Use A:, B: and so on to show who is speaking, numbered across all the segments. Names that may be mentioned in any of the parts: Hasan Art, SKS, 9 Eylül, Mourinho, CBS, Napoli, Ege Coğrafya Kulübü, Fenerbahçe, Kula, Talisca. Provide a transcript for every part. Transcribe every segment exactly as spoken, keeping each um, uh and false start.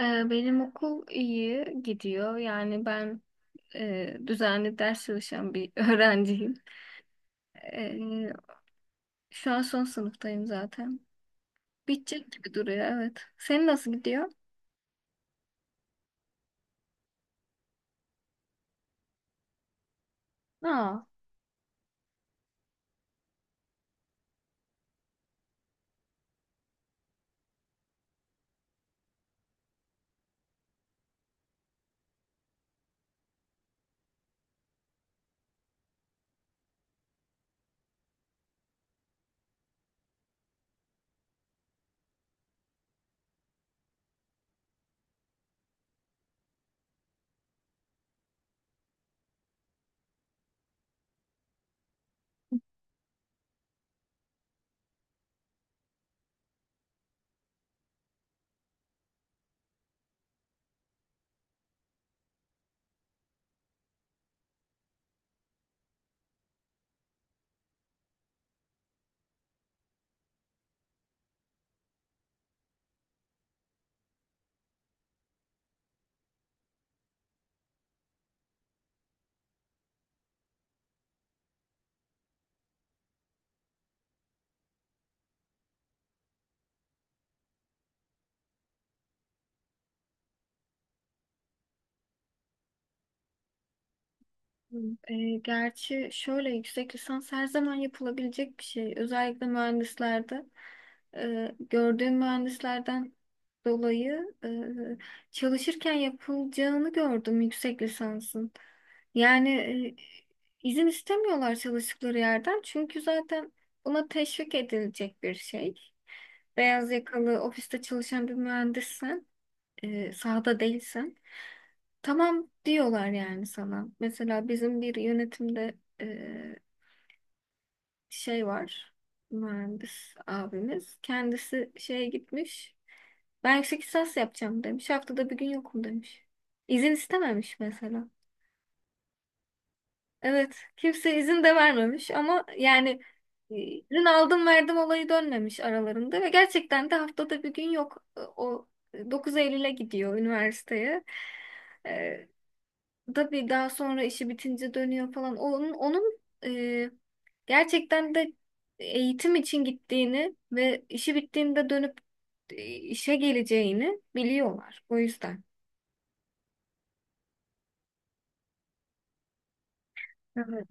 A: Ee, Benim okul iyi gidiyor. Yani ben e, düzenli ders çalışan bir öğrenciyim. Ee, Şu an son sınıftayım zaten. Bitecek gibi duruyor, evet. Senin nasıl gidiyor? Aa. E, gerçi şöyle, yüksek lisans her zaman yapılabilecek bir şey. Özellikle mühendislerde, e, gördüğüm mühendislerden dolayı e, çalışırken yapılacağını gördüm yüksek lisansın. Yani, e, izin istemiyorlar çalıştıkları yerden, çünkü zaten buna teşvik edilecek bir şey. Beyaz yakalı ofiste çalışan bir mühendissen, e, sahada değilsen. Tamam diyorlar yani sana. Mesela bizim bir yönetimde e, şey var. Mühendis abimiz. Kendisi şeye gitmiş. Ben yüksek lisans yapacağım demiş. Haftada bir gün yokum demiş. İzin istememiş mesela. Evet. Kimse izin de vermemiş, ama yani e, izin aldım verdim olayı dönmemiş aralarında ve gerçekten de haftada bir gün yok. E, o dokuz Eylül'e gidiyor üniversiteye. Tabii daha sonra işi bitince dönüyor falan. Onun, onun e, gerçekten de eğitim için gittiğini ve işi bittiğinde dönüp e, işe geleceğini biliyorlar. O yüzden. Evet.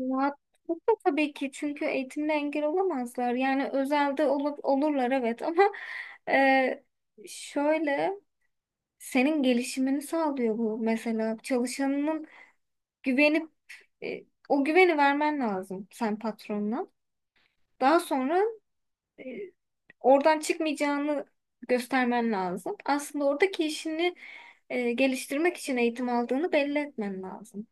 A: Rahatlıkla tabii ki, çünkü eğitimle engel olamazlar. Yani özelde olup olurlar, evet, ama e, şöyle, senin gelişimini sağlıyor bu. Mesela çalışanının güvenip, e, o güveni vermen lazım sen patronuna. Daha sonra e, oradan çıkmayacağını göstermen lazım. Aslında oradaki işini e, geliştirmek için eğitim aldığını belli etmen lazım.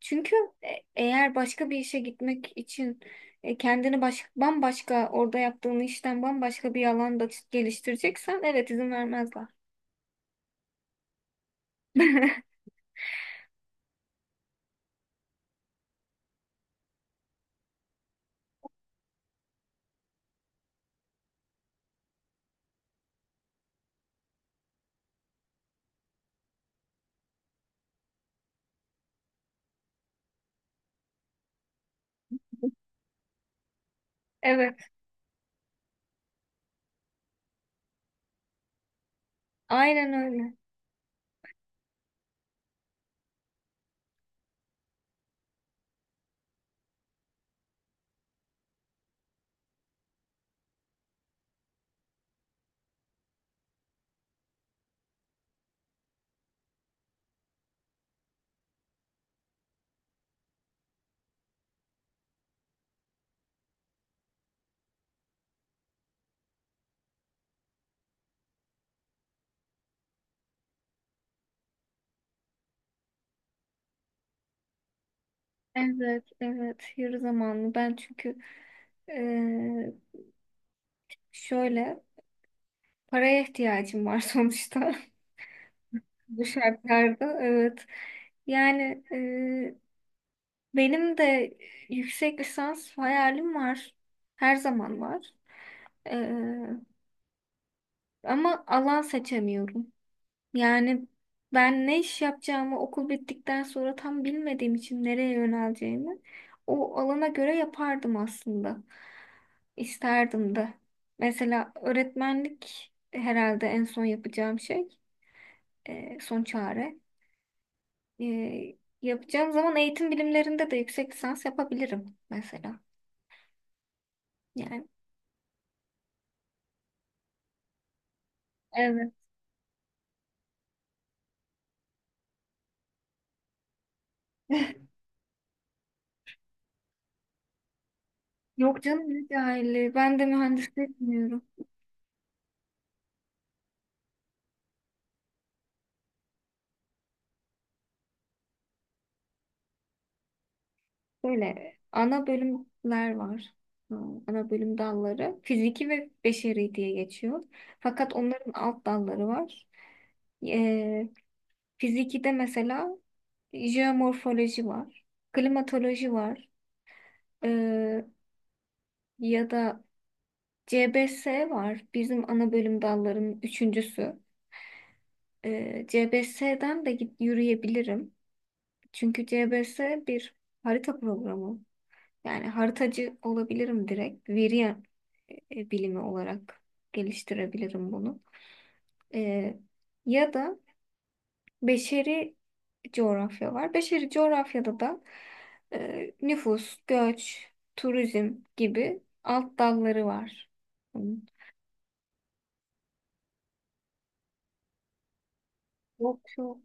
A: Çünkü e, eğer başka bir işe gitmek için, e, kendini baş, bambaşka, orada yaptığın işten bambaşka bir alanda ç- geliştireceksen, evet, izin vermezler. Evet, aynen öyle. Evet, evet. Yarı zamanlı. Ben çünkü e, şöyle, paraya ihtiyacım var sonuçta. Bu şartlarda evet. Yani, e, benim de yüksek lisans hayalim var. Her zaman var. E, Ama alan seçemiyorum. Yani ben ne iş yapacağımı okul bittikten sonra tam bilmediğim için nereye yöneleceğimi o alana göre yapardım aslında. İsterdim de. Mesela öğretmenlik herhalde en son yapacağım şey, e, son çare. Ee, Yapacağım zaman eğitim bilimlerinde de yüksek lisans yapabilirim mesela. Yani evet. Yok canım, ne cahilliği. Ben de mühendislik bilmiyorum. Böyle ana bölümler var. Ha, ana bölüm dalları. Fiziki ve beşeri diye geçiyor. Fakat onların alt dalları var. Ee, Fizikide mesela jeomorfoloji var. Klimatoloji var. Ee, Ya da C B S var. Bizim ana bölüm dallarının üçüncüsü. Ee, C B S'den de git yürüyebilirim. Çünkü C B S bir harita programı. Yani haritacı olabilirim direkt. Veri e, bilimi olarak geliştirebilirim bunu. Ee, Ya da beşeri coğrafya var. Beşeri coğrafyada da e, nüfus, göç, turizm gibi alt dalları var. Bunun. Yok, yok.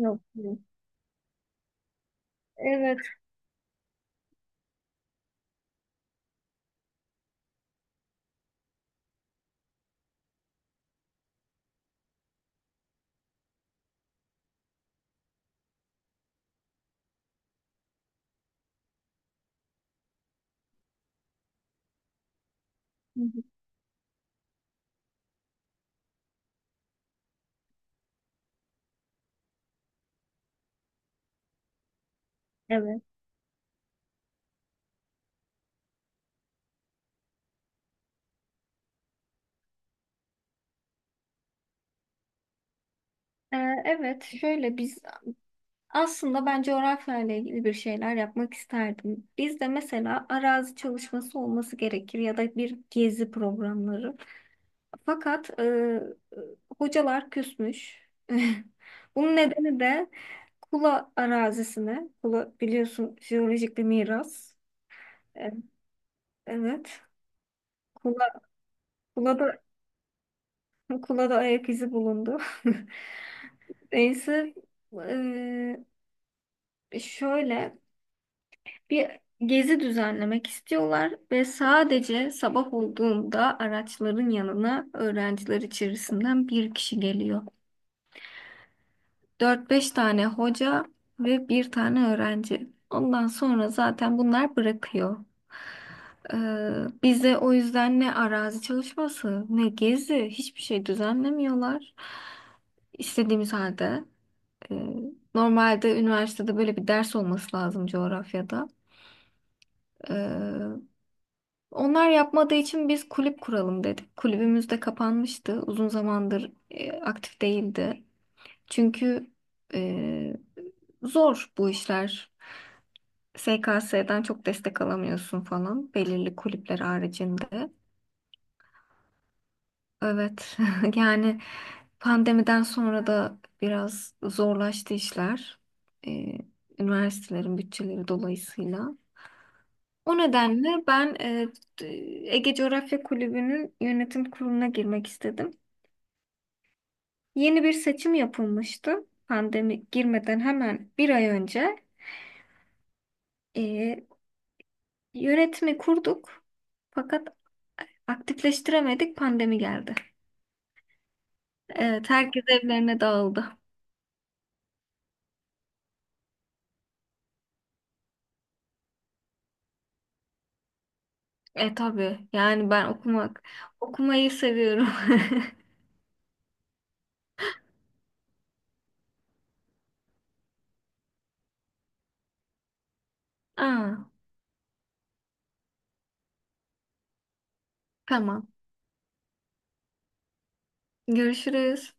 A: Yok, yok. Evet. Hı hı. Evet. Ee, evet şöyle biz Aslında ben coğrafyayla ilgili bir şeyler yapmak isterdim. Bizde mesela arazi çalışması olması gerekir ya da bir gezi programları. Fakat e, hocalar küsmüş. Bunun nedeni de Kula arazisine. Kula biliyorsun jeolojik bir miras. E, evet. Kula, Kula'da, Kula'da ayak izi bulundu. Neyse, e, şöyle bir gezi düzenlemek istiyorlar ve sadece sabah olduğunda araçların yanına öğrenciler içerisinden bir kişi geliyor. Dört beş tane hoca ve bir tane öğrenci. Ondan sonra zaten bunlar bırakıyor. Ee, Bize o yüzden ne arazi çalışması ne gezi, hiçbir şey düzenlemiyorlar. İstediğimiz halde. e, Normalde üniversitede böyle bir ders olması lazım coğrafyada. Ee, Onlar yapmadığı için biz kulüp kuralım dedik. Kulübümüz de kapanmıştı. Uzun zamandır e, aktif değildi. Çünkü e, zor bu işler. S K S'den çok destek alamıyorsun falan belirli kulüpler haricinde. Evet, yani pandemiden sonra da biraz zorlaştı işler. E, Üniversitelerin bütçeleri dolayısıyla. O nedenle ben, e, t- Ege Coğrafya Kulübü'nün yönetim kuruluna girmek istedim. Yeni bir seçim yapılmıştı. Pandemi girmeden hemen bir ay önce. Ee, Yönetimi kurduk. Fakat aktifleştiremedik. Pandemi geldi. Evet, herkes evlerine dağıldı. E tabii. Yani ben okumak, okumayı seviyorum. Aa, tamam. Görüşürüz.